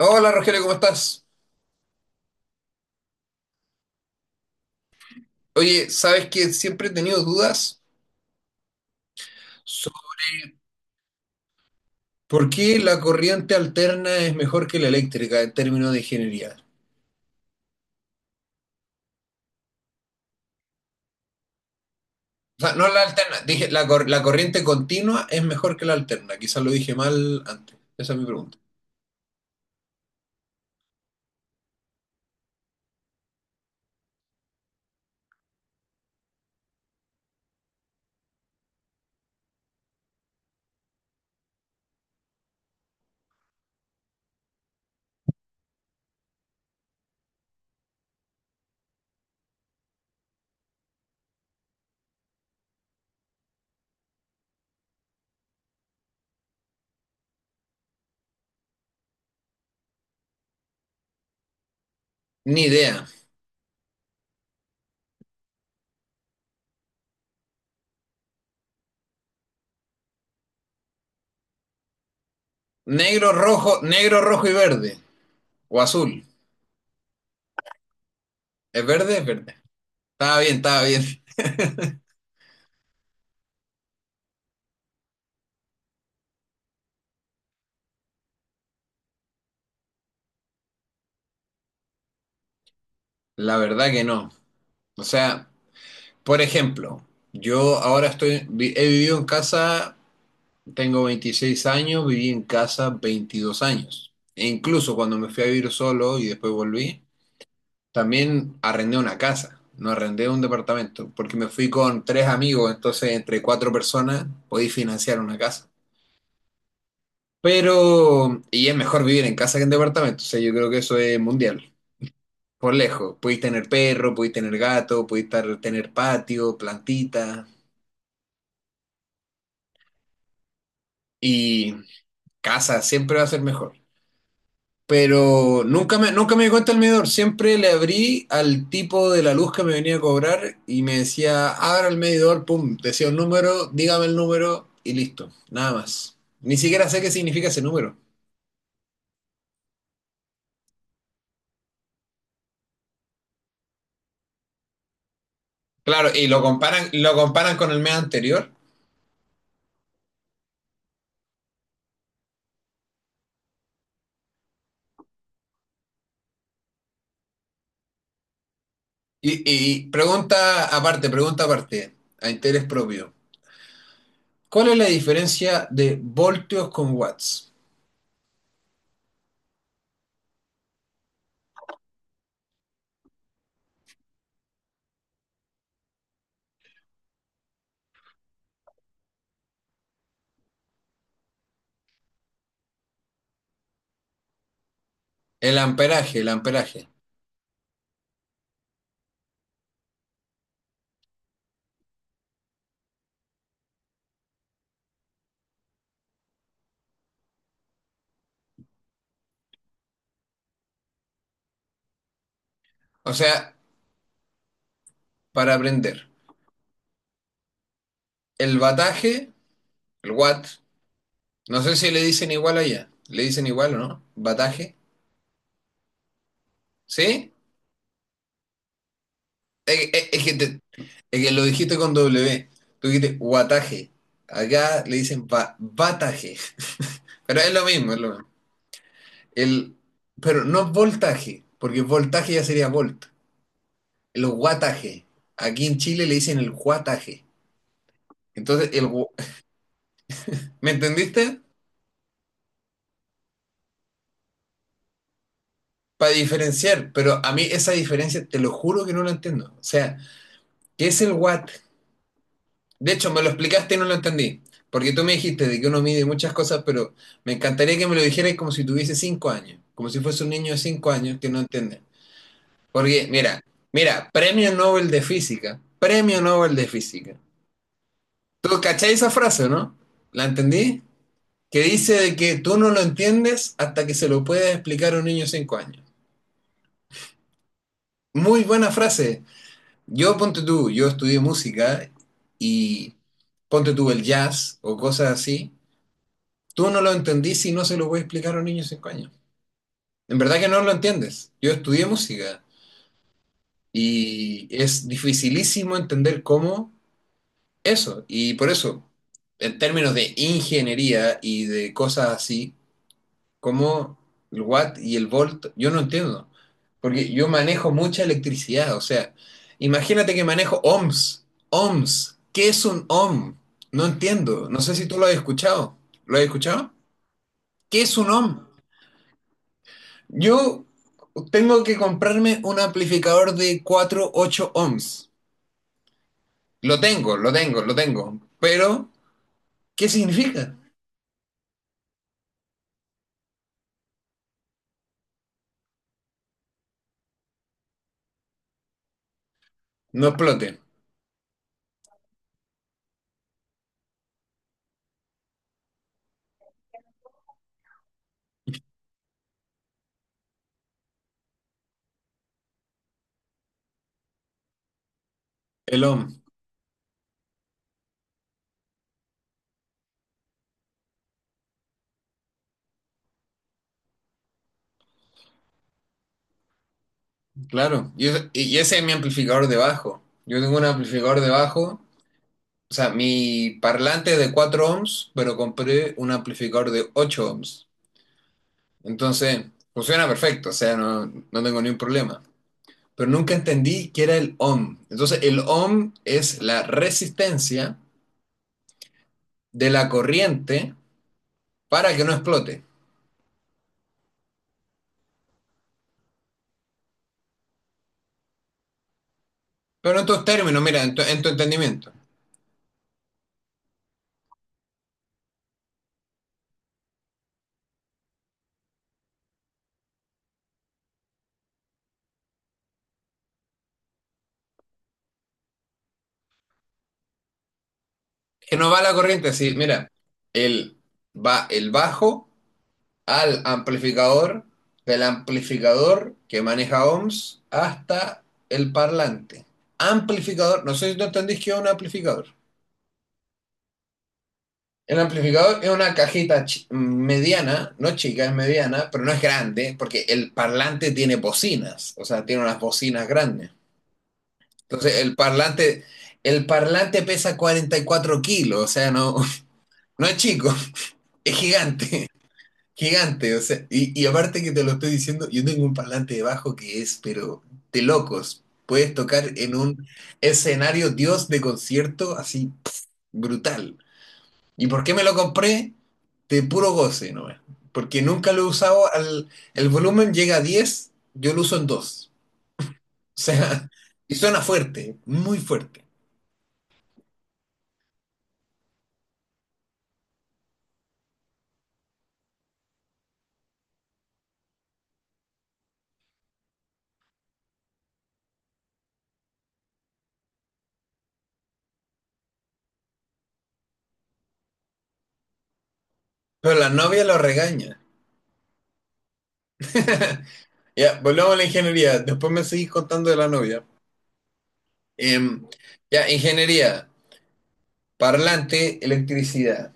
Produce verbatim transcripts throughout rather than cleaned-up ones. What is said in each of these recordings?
Hola Rogelio, ¿cómo estás? Oye, sabes que siempre he tenido dudas sobre por qué la corriente alterna es mejor que la eléctrica en términos de ingeniería. O sea, no la alterna, dije la, cor- la corriente continua es mejor que la alterna. Quizás lo dije mal antes. Esa es mi pregunta. Ni idea. Negro, rojo, negro, rojo y verde. O azul. ¿Es verde? Es verde. Estaba bien, estaba bien. La verdad que no. O sea, por ejemplo, yo ahora estoy, vi- he vivido en casa. Tengo veintiséis años, viví en casa veintidós años. E incluso cuando me fui a vivir solo y después volví, también arrendé una casa, no arrendé un departamento, porque me fui con tres amigos, entonces entre cuatro personas podí financiar una casa. Pero, y es mejor vivir en casa que en departamento, o sea, yo creo que eso es mundial, por lejos. Podéis tener perro, podéis tener gato, podéis tar- tener patio, plantita, y casa siempre va a ser mejor. Pero nunca me, nunca me di cuenta el medidor. Siempre le abrí al tipo de la luz que me venía a cobrar y me decía, abra el medidor, pum, decía un número, dígame el número y listo, nada más. Ni siquiera sé qué significa ese número. Claro, y lo comparan, lo comparan con el mes anterior. Y, y y pregunta aparte, pregunta aparte, a interés propio. ¿Cuál es la diferencia de voltios con watts? El amperaje, el amperaje. O sea, para aprender, el bataje, el watt. No sé si le dicen igual allá. ¿Le dicen igual o no? ¿Bataje? ¿Sí? Es, es- es que, te- es que lo dijiste con W. Tú dijiste guataje. Acá le dicen ba- bataje. Pero es lo mismo, es lo mismo. El, pero no es voltaje, porque voltaje ya sería volt. El guataje. Aquí en Chile le dicen el guataje. Entonces, el, gu- ¿Me entendiste? Para diferenciar, pero a mí esa diferencia te lo juro que no la entiendo. O sea, ¿qué es el watt? De hecho, me lo explicaste y no lo entendí. Porque tú me dijiste de que uno mide muchas cosas, pero me encantaría que me lo dijeras como si tuviese cinco años, como si fuese un niño de cinco años que no entiende. Porque, mira, mira, premio Nobel de Física, premio Nobel de Física. ¿Tú cacháis esa frase, no? ¿La entendí? Que dice de que tú no lo entiendes hasta que se lo puedes explicar a un niño de cinco años. Muy buena frase. Yo, ponte tú, yo estudié música y ponte tú el jazz o cosas así. Tú no lo entendís y no se lo voy a explicar a un niño de cinco años. En verdad que no lo entiendes. Yo estudié música y es dificilísimo entender cómo eso. Y por eso, en términos de ingeniería y de cosas así, como el watt y el volt, yo no entiendo. Porque yo manejo mucha electricidad. O sea, imagínate que manejo ohms. Ohms. ¿Qué es un ohm? No entiendo. No sé si tú lo has escuchado. ¿Lo has escuchado? ¿Qué es un ohm? Yo tengo que comprarme un amplificador de cuatro punto ocho ohms. Lo tengo, lo tengo, lo tengo. Pero, ¿qué significa? No explote. El ohm, claro. Y, es- y ese es mi amplificador de bajo. Yo tengo un amplificador de bajo. O sea, mi parlante es de cuatro ohms, pero compré un amplificador de ocho ohms. Entonces, funciona perfecto. O sea, no, no tengo ningún problema. Pero nunca entendí qué era el ohm. Entonces, el ohm es la resistencia de la corriente para que no explote. Pero en tus términos, mira, en tu, en tu entendimiento. Que no va la corriente así, mira, el, va el bajo al amplificador, del amplificador que maneja ohms hasta el parlante. Amplificador, no sé si tú entendís que es un amplificador. El amplificador es una cajita mediana, no chica, es mediana, pero no es grande, porque el parlante tiene bocinas, o sea, tiene unas bocinas grandes. Entonces, el parlante, el parlante pesa 44 kilos, o sea, no, no es chico, es gigante, gigante, o sea, y, y aparte que te lo estoy diciendo, yo tengo un parlante debajo que es, pero de locos, puedes tocar en un escenario dios de concierto así pff, brutal. ¿Y por qué me lo compré? De puro goce, ¿no? Porque nunca lo he usado al, el volumen llega a diez, yo lo uso en dos. O sea, y suena fuerte, muy fuerte. Pero la novia lo regaña. Ya, volvamos a la ingeniería. Después me seguís contando de la novia. Em, ya, ingeniería, parlante, electricidad.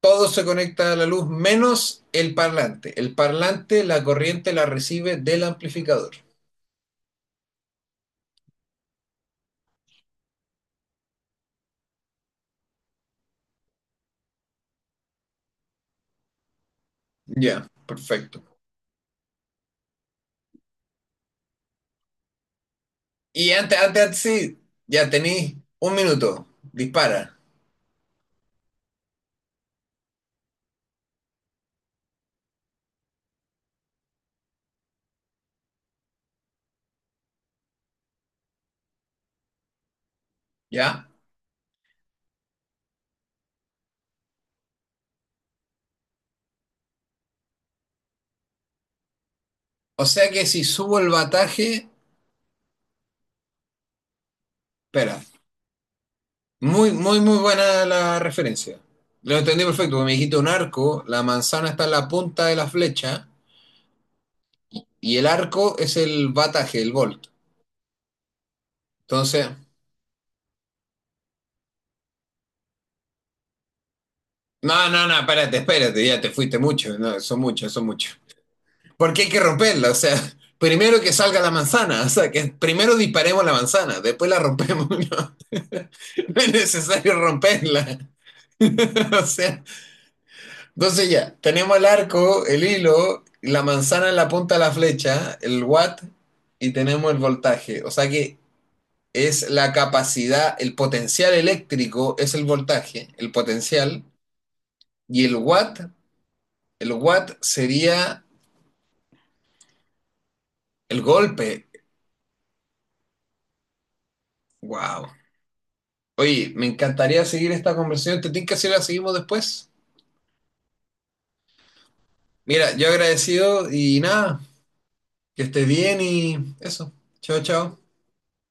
Todo se conecta a la luz menos el parlante. El parlante, la corriente la recibe del amplificador. Ya, perfecto. Y antes, antes, antes sí, ya tenéis un minuto. Dispara, ¿ya? O sea que si subo el bataje, espera, muy, muy, muy buena la referencia. Lo entendí perfecto, porque me dijiste un arco, la manzana está en la punta de la flecha y el arco es el bataje, el volt. Entonces, no, no, no, espérate, espérate, ya te fuiste mucho, no, son muchos, son muchos. Porque hay que romperla, o sea, primero que salga la manzana, o sea, que primero disparemos la manzana, después la rompemos, no, no es necesario romperla. O sea, entonces ya, tenemos el arco, el hilo, la manzana en la punta de la flecha, el watt y tenemos el voltaje. O sea que es la capacidad, el potencial eléctrico es el voltaje, el potencial, y el watt, el watt sería el golpe. Wow. Oye, me encantaría seguir esta conversación. ¿Te tinca si la seguimos después? Mira, yo agradecido y nada, que estés bien y eso. Chao, chao.